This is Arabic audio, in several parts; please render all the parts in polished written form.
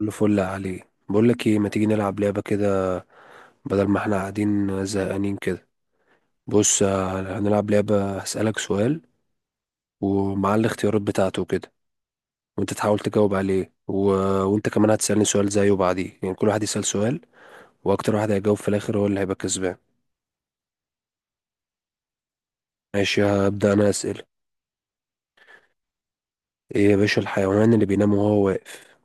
كله فل عليه. بقول لك ايه، ما تيجي نلعب لعبه كده، بدل ما احنا قاعدين زهقانين كده؟ بص، هنلعب لعبه، هسألك سؤال، ومع الاختيارات بتاعته كده، وانت تحاول تجاوب عليه. وانت كمان هتسألني سؤال زيه بعديه، يعني كل واحد يسأل سؤال، واكتر واحد هيجاوب في الاخر هو اللي هيبقى كسبان. ماشي، هبدأ انا أسئلة. ايه يا باشا الحيوان اللي بينام وهو واقف؟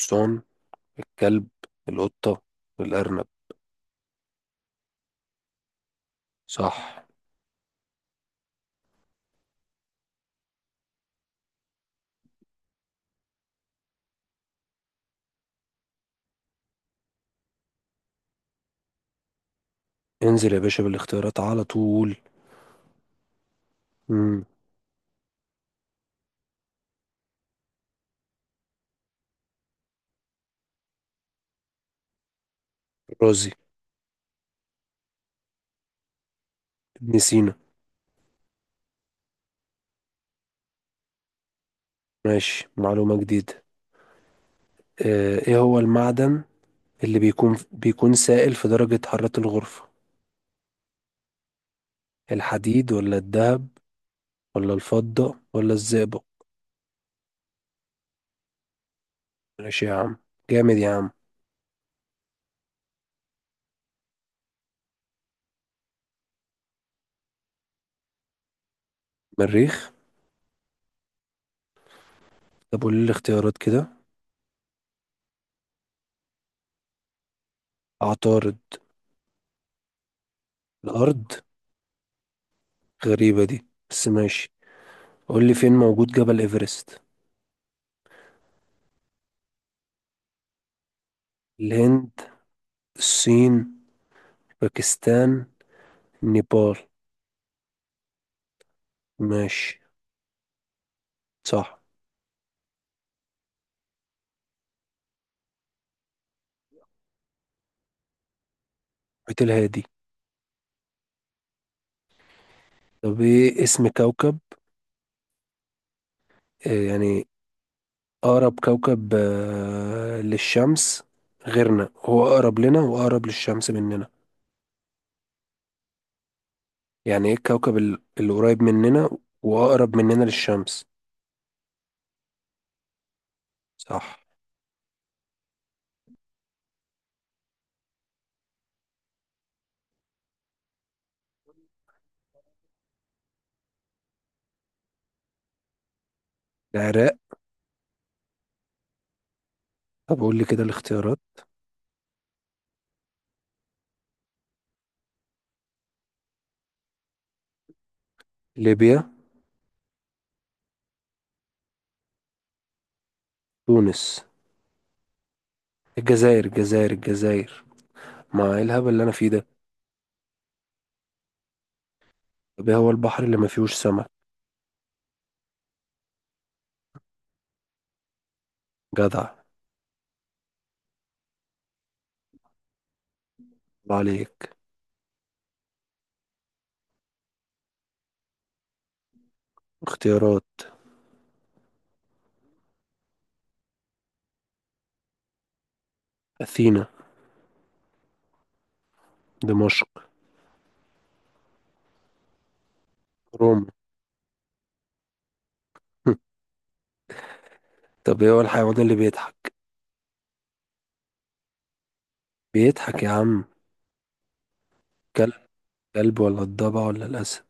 الحصان، الكلب، القطه، الارنب. صح. انزل يا باشا بالاختيارات على طول. امم. رازي. ابن سينا. ماشي، معلومة جديدة. ايه هو المعدن اللي بيكون سائل في درجة حرارة الغرفة، الحديد ولا الذهب ولا الفضة ولا الزئبق؟ ماشي يا عم، جامد يا عم. مريخ. طب قول لي الاختيارات كده. عطارد. الأرض. غريبة دي، بس ماشي. قول لي فين موجود جبل إيفرست؟ الهند، الصين، باكستان، نيبال. ماشي، صح. محيط الهادي. طب ايه اسم كوكب، يعني أقرب كوكب للشمس غيرنا، هو أقرب لنا وأقرب للشمس مننا؟ يعني إيه الكوكب اللي قريب مننا وأقرب مننا للشمس. صح. العراق. طب قول لي كده الاختيارات. ليبيا. تونس. الجزائر الجزائر الجزائر! مع إيه الهبل اللي أنا فيه ده! طب إيه هو البحر اللي ما فيهوش سمك؟ جدع. الله عليك. اختيارات. أثينا. دمشق. روما. طب إيه هو الحيوان اللي بيضحك؟ بيضحك يا عم. كلب. كلب ولا الضبع ولا الأسد؟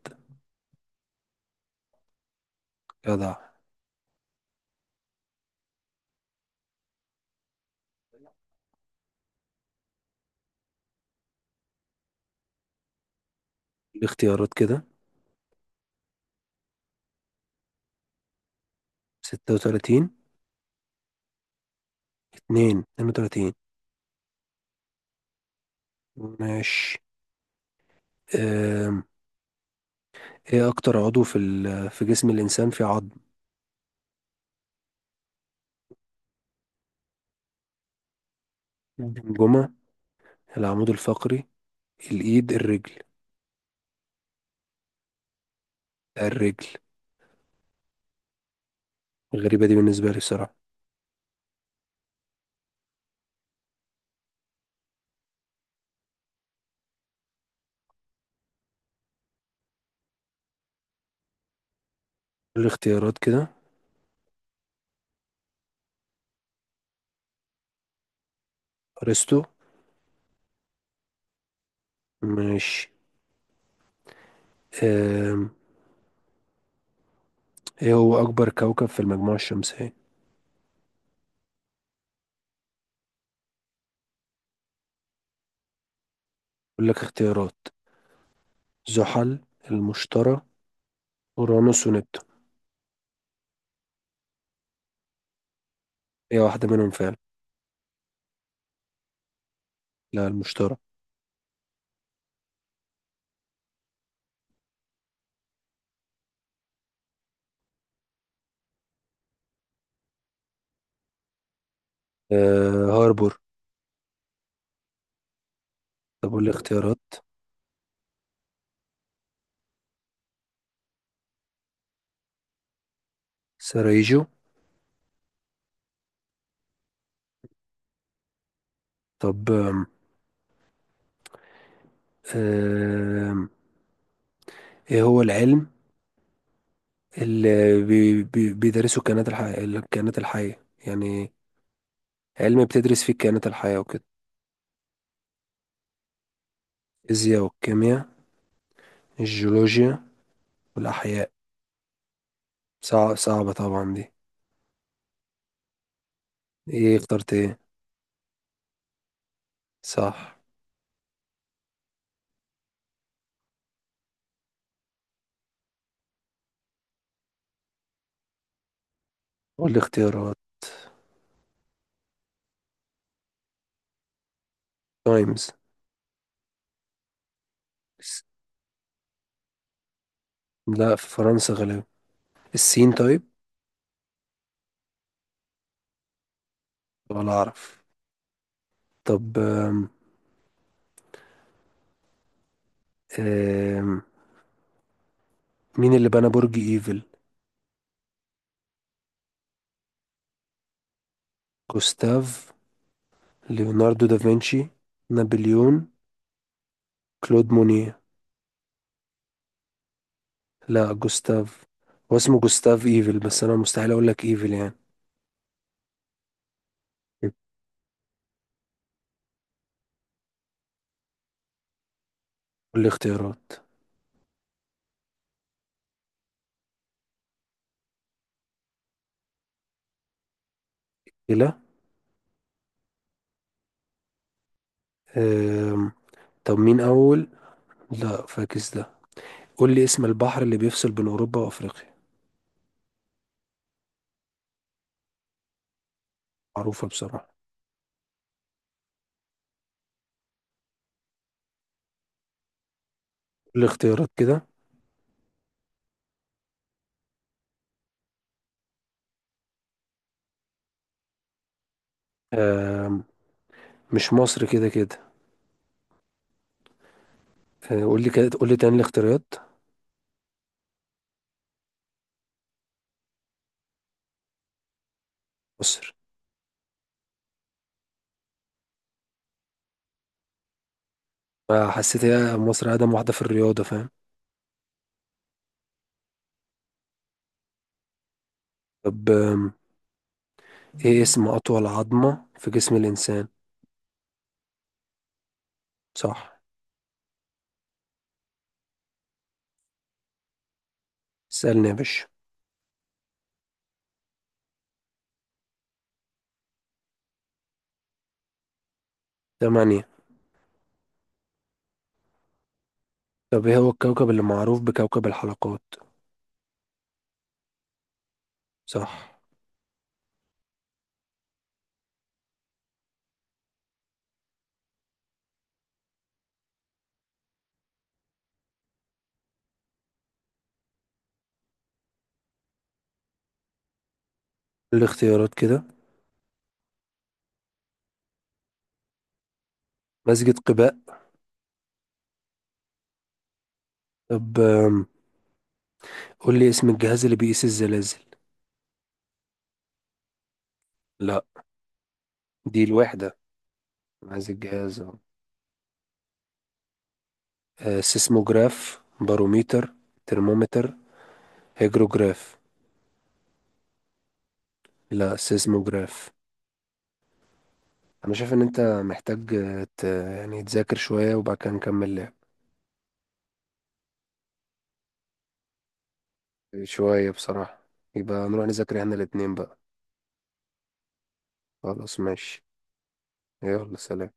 جدع. الاختيارات كده. 36. اتنين وتلاتين. ماشي. أم. ايه اكتر عضو في في جسم الانسان في عظم؟ الجمجمة. العمود الفقري. الايد، الرجل. الرجل. غريبة دي بالنسبة لي بصراحة. الاختيارات كده. ارسطو. ماشي. أم. ايه هو اكبر كوكب في المجموعة الشمسية؟ اقول لك اختيارات. زحل. المشتري. اورانوس ونبتون. ايه واحدة منهم فعلا. لا، المشتري. أه، هاربور. طب والاختيارات. سرايجو. طب آم، آم، ايه هو العلم اللي بي بي بيدرسه الكائنات الحية يعني، علم بتدرس فيه الكائنات الحية وكده؟ الفيزياء والكيمياء. الجيولوجيا. والأحياء. صعبة طبعا دي. ايه اخترت ايه؟ صح. قول لي اختيارات. تايمز. لا، في فرنسا غالبا. الصين طيب. ولا أعرف. طب آم، آم، مين اللي بنى برج ايفل؟ جوستاف. ليوناردو دافنشي. نابليون. كلود مونيه. لا، جوستاف. هو اسمه جوستاف ايفل، بس انا مستحيل اقول لك ايفل يعني. قول لي اختيارات. لا. أم... طب مين اول. لا، فاكس ده. قول لي اسم البحر اللي بيفصل بين اوروبا وافريقيا. معروفه بصراحه. قول لي اختيارات كده. أم... مش مصر كده كده؟ قول لي كده، قول لي تاني الاختيارات. مصر. أه، حسيت هي مصر اقدم واحده في الرياضه، فاهم؟ طب ايه اسم اطول عظمه في جسم الانسان؟ صح. سألني يا باشا. 8. طب ايه هو الكوكب اللي معروف بكوكب الحلقات؟ صح. الاختيارات كده. مسجد قباء. طب قول لي اسم الجهاز اللي بيقيس الزلازل. لا. دي الوحدة. أنا عايز الجهاز أهو. سيسموجراف. باروميتر. ترمومتر. هيجروجراف. لا، سيسموجراف. انا شايف ان انت محتاج يعني تذاكر شوية وبعد كده نكمل لعب. شوية بصراحة. يبقى نروح نذاكر احنا الاتنين بقى. خلاص، ماشي. يلا، سلام.